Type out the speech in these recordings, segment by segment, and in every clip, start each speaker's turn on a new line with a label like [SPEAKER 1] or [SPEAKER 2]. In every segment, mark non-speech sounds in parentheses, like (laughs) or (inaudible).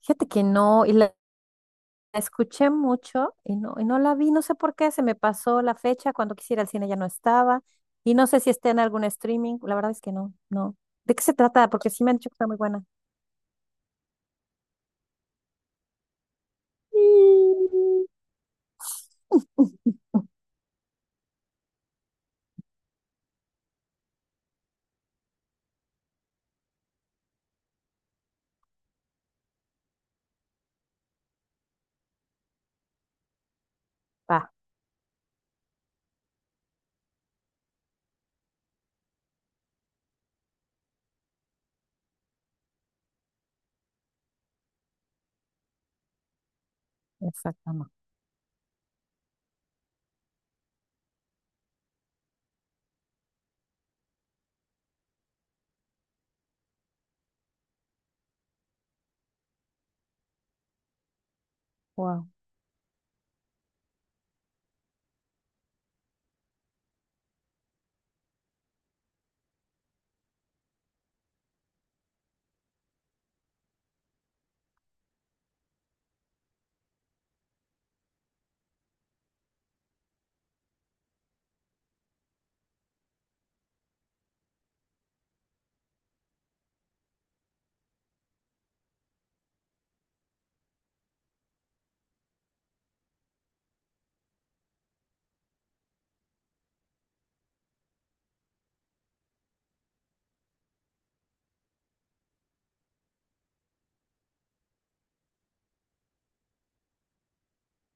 [SPEAKER 1] Fíjate que no, y la escuché mucho y no la vi, no sé por qué, se me pasó la fecha, cuando quisiera al cine ya no estaba, y no sé si está en algún streaming, la verdad es que no, no. ¿De qué se trata? Porque sí me han dicho que está muy buena. (laughs) Mm. Ah, exacto, no. Wow.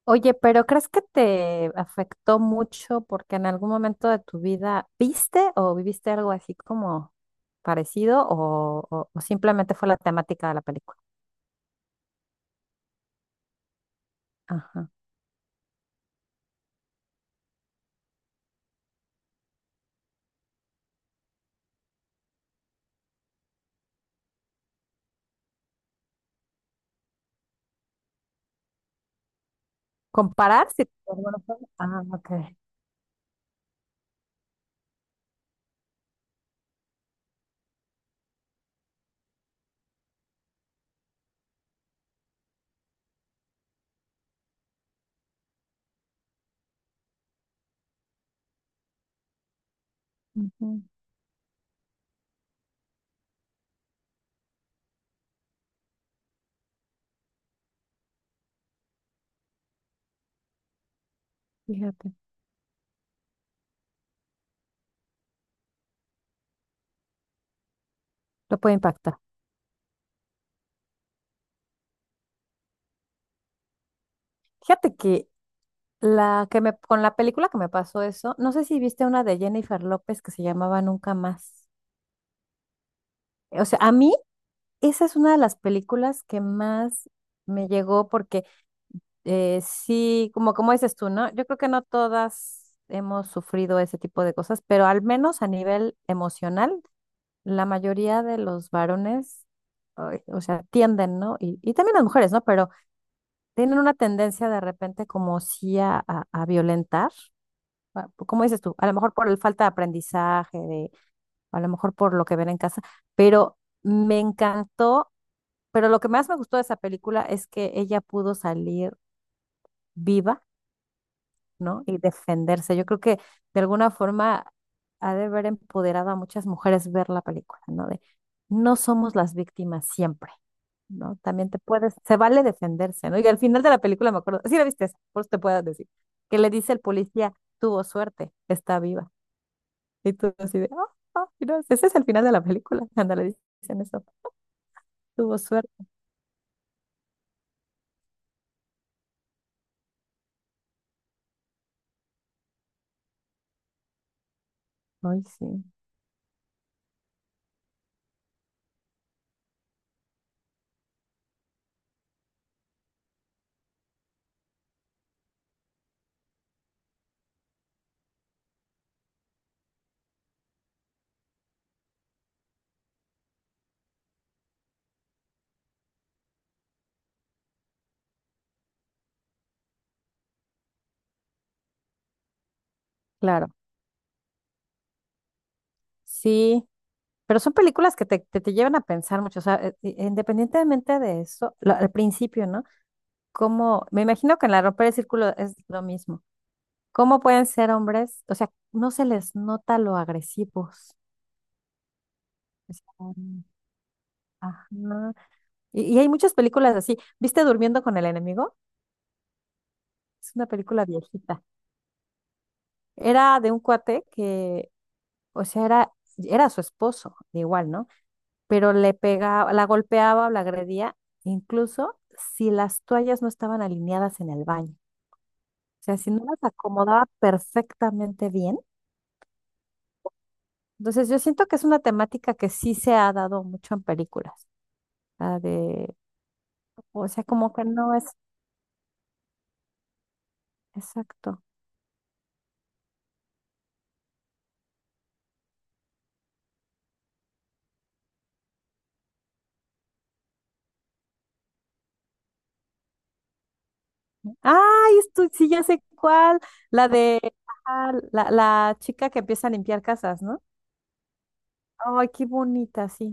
[SPEAKER 1] Oye, pero ¿crees que te afectó mucho porque en algún momento de tu vida viste o viviste algo así como parecido o simplemente fue la temática de la película? Ajá. Compararse. Ah, ok. Ujú. Fíjate. Lo puede impactar. Fíjate que la que me, con la película que me pasó eso, no sé si viste una de Jennifer López que se llamaba Nunca Más. O sea, a mí esa es una de las películas que más me llegó porque sí, como dices tú, ¿no? Yo creo que no todas hemos sufrido ese tipo de cosas, pero al menos a nivel emocional, la mayoría de los varones, ay, o sea, tienden, ¿no? Y también las mujeres, ¿no? Pero tienen una tendencia de repente como sí a violentar, como dices tú, a lo mejor por el falta de aprendizaje, de, a lo mejor por lo que ven en casa, pero me encantó, pero lo que más me gustó de esa película es que ella pudo salir viva, ¿no? Y defenderse. Yo creo que de alguna forma ha de haber empoderado a muchas mujeres ver la película, ¿no? De no somos las víctimas siempre, ¿no? También te puedes, se vale defenderse, ¿no? Y al final de la película me acuerdo, sí la viste, esa, por eso te puedo decir, que le dice el policía, tuvo suerte, está viva. Y tú así de, ah, ah, mira, ese es el final de la película, cuando le dicen eso, tuvo suerte. Ay, sí, claro. Sí, pero son películas que te llevan a pensar mucho, o sea, independientemente de eso, al principio, ¿no? Como, me imagino que en la Romper el Círculo es lo mismo. ¿Cómo pueden ser hombres? O sea, no se les nota lo agresivos. O sea, mm, ajá. Y hay muchas películas así. ¿Viste Durmiendo con el enemigo? Es una película viejita. Era de un cuate que, o sea, era su esposo, igual, ¿no? Pero le pegaba, la golpeaba o la agredía, incluso si las toallas no estaban alineadas en el baño. O sea, si no las acomodaba perfectamente bien. Entonces, yo siento que es una temática que sí se ha dado mucho en películas. La de, o sea, como que no es exacto. Ay, esto, sí, ya sé cuál. La de la chica que empieza a limpiar casas, ¿no? Ay, qué bonita, sí.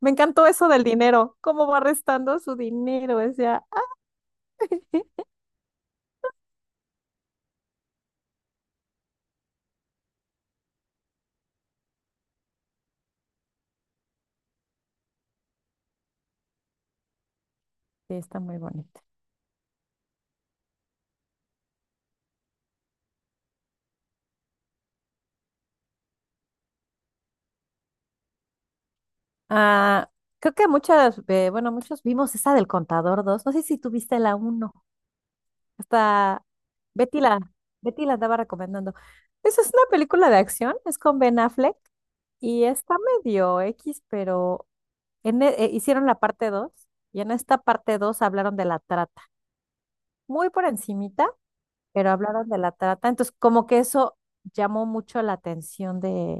[SPEAKER 1] Me encantó eso del dinero, cómo va restando su dinero, o sea. (laughs) Sí, está muy bonita. Ah, creo que muchas, bueno, muchos vimos esa del Contador dos. No sé si tuviste la uno. Hasta Betty la, Betty la andaba recomendando. Esa es una película de acción, es con Ben Affleck y está medio X, pero hicieron la parte 2 y en esta parte 2 hablaron de la trata muy por encimita, pero hablaron de la trata. Entonces, como que eso llamó mucho la atención de,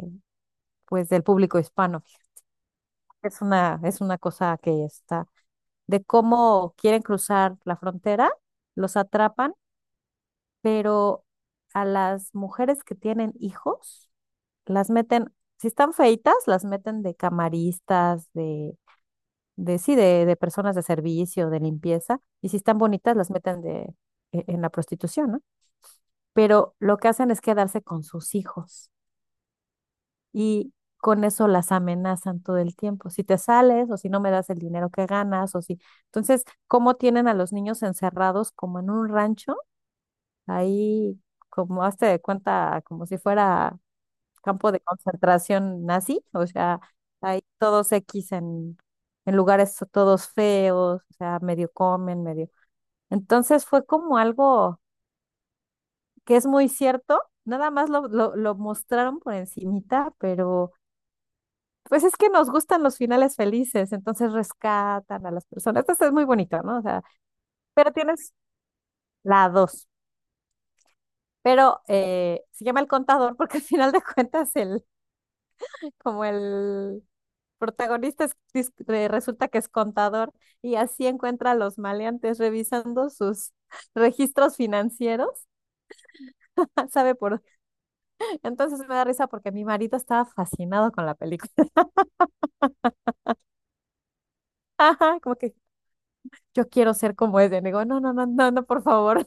[SPEAKER 1] pues, del público hispano. Es una cosa que está, de cómo quieren cruzar la frontera, los atrapan, pero a las mujeres que tienen hijos, las meten, si están feitas, las meten de camaristas, de sí, de personas de servicio, de limpieza, y si están bonitas, las meten en la prostitución, ¿no? Pero lo que hacen es quedarse con sus hijos y con eso las amenazan todo el tiempo. Si te sales o si no me das el dinero que ganas o si... Entonces, ¿cómo tienen a los niños encerrados como en un rancho? Ahí, como hazte de cuenta, como si fuera campo de concentración nazi, o sea, ahí todos X en lugares todos feos, o sea, medio comen, medio... Entonces fue como algo que es muy cierto, nada más lo mostraron por encimita, pero pues es que nos gustan los finales felices, entonces rescatan a las personas. Entonces es muy bonito, ¿no? O sea, pero tienes la dos. Pero se llama el contador porque al final de cuentas el, como el protagonista resulta que es contador y así encuentra a los maleantes revisando sus (laughs) registros financieros, (laughs) sabe por. Entonces me da risa porque mi marido estaba fascinado con la película. Ajá, como que yo quiero ser como ese. Le digo, no, no, no, no, no, por favor.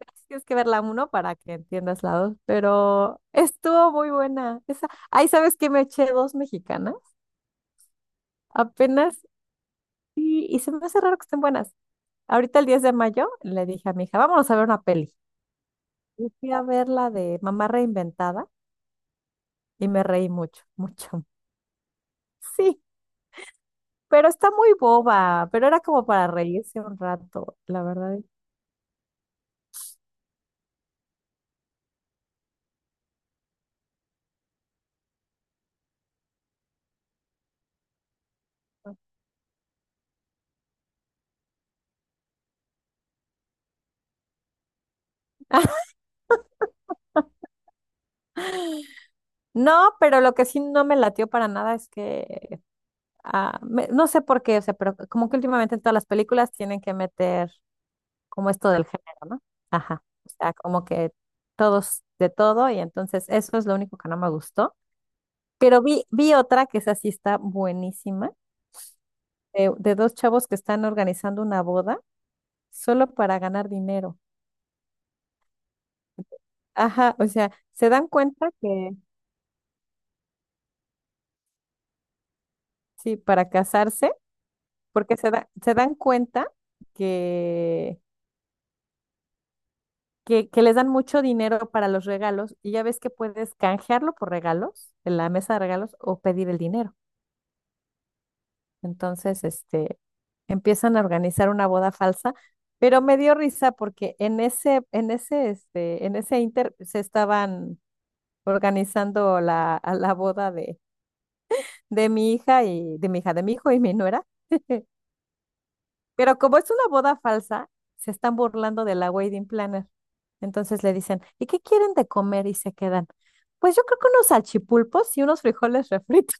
[SPEAKER 1] (laughs) Tienes que ver la uno para que entiendas la dos. Pero estuvo muy buena. Esa... Ay, ¿sabes qué? Me eché dos mexicanas apenas y se me hace raro que estén buenas. Ahorita el 10 de mayo le dije a mi hija, vámonos a ver una peli. Y fui a ver la de Mamá Reinventada y me reí mucho, mucho. Sí, pero está muy boba, pero era como para reírse un rato, la verdad. (laughs) No, pero lo que sí no me latió para nada es que no sé por qué, o sea, pero como que últimamente en todas las películas tienen que meter como esto del género, ¿no? Ajá. O sea, como que todos de todo y entonces eso es lo único que no me gustó. Pero vi otra que esa sí está buenísima, de dos chavos que están organizando una boda solo para ganar dinero. Ajá, o sea, se dan cuenta que, sí, para casarse, porque se dan cuenta que que les dan mucho dinero para los regalos y ya ves que puedes canjearlo por regalos en la mesa de regalos o pedir el dinero. Entonces, empiezan a organizar una boda falsa, pero me dio risa porque en ese inter se estaban organizando a la boda de, mi hija y de mi hija, de mi hijo y mi nuera. Pero como es una boda falsa, se están burlando de la wedding planner. Entonces le dicen, ¿y qué quieren de comer? Y se quedan. Pues yo creo que unos salchipulpos y unos frijoles refritos.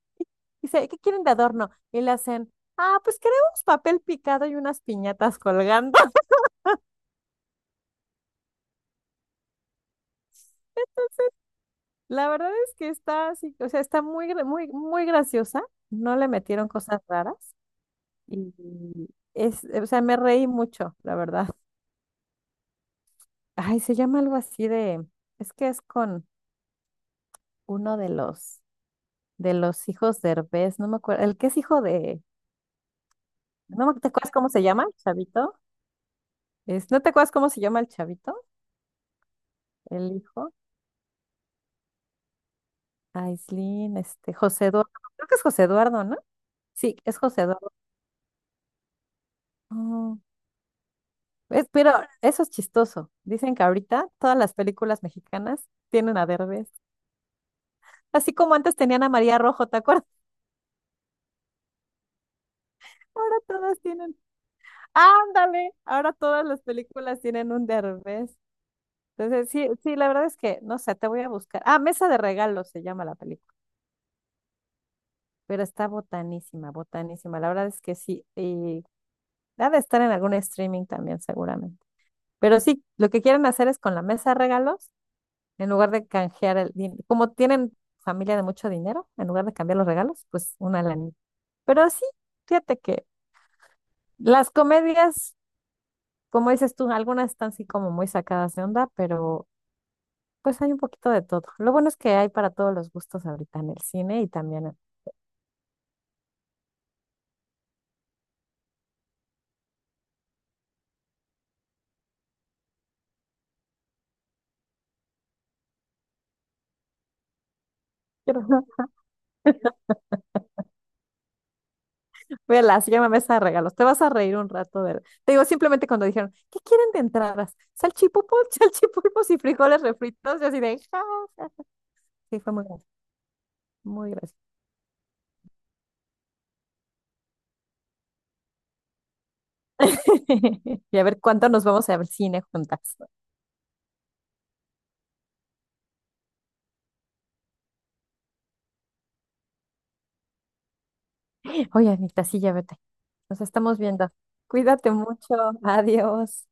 [SPEAKER 1] (laughs) Dice, ¿qué quieren de adorno? Y le hacen, ah, pues queremos papel picado y unas piñatas colgando. (laughs) La verdad es que está así, o sea, está muy graciosa. No le metieron cosas raras. Y es, o sea, me reí mucho, la verdad. Ay, se llama algo así de, es que es con uno de los hijos de Derbez no me acuerdo, el que es hijo de, no me, ¿te acuerdas cómo se llama el chavito? ¿No te acuerdas cómo se llama el chavito? El hijo, Aislinn, José Eduardo, creo que es José Eduardo, ¿no? Sí, es José Eduardo. Oh, pero eso es chistoso. Dicen que ahorita todas las películas mexicanas tienen a Derbez. Así como antes tenían a María Rojo, ¿te acuerdas? (laughs) Ahora todas tienen. Ándale, ahora todas las películas tienen un Derbez. Entonces, sí, sí, la verdad es que, no sé, te voy a buscar. Ah, Mesa de Regalos se llama la película, pero está botanísima, botanísima. La verdad es que sí, y ha de estar en algún streaming también seguramente. Pero sí, lo que quieren hacer es con la mesa de regalos, en lugar de canjear el dinero, como tienen familia de mucho dinero, en lugar de cambiar los regalos, pues una lanita. Pero sí, fíjate que las comedias, como dices tú, algunas están así como muy sacadas de onda, pero... Pues hay un poquito de todo. Lo bueno es que hay para todos los gustos ahorita en el cine y también en... (laughs) Pero, no, Velas, llama a mesa de regalos. Te vas a reír un rato de... Te digo, simplemente cuando dijeron, ¿qué quieren de entradas? Salchipulpos, (laughs) salchipulpos y frijoles refritos. Yo así de... "Ja, ja". Sí, fue muy gracioso, muy gracioso. (laughs) Y a ver cuánto nos vamos a ver cine juntas. Oye, Anita, sí, ya vete. Nos estamos viendo. Cuídate mucho. Adiós.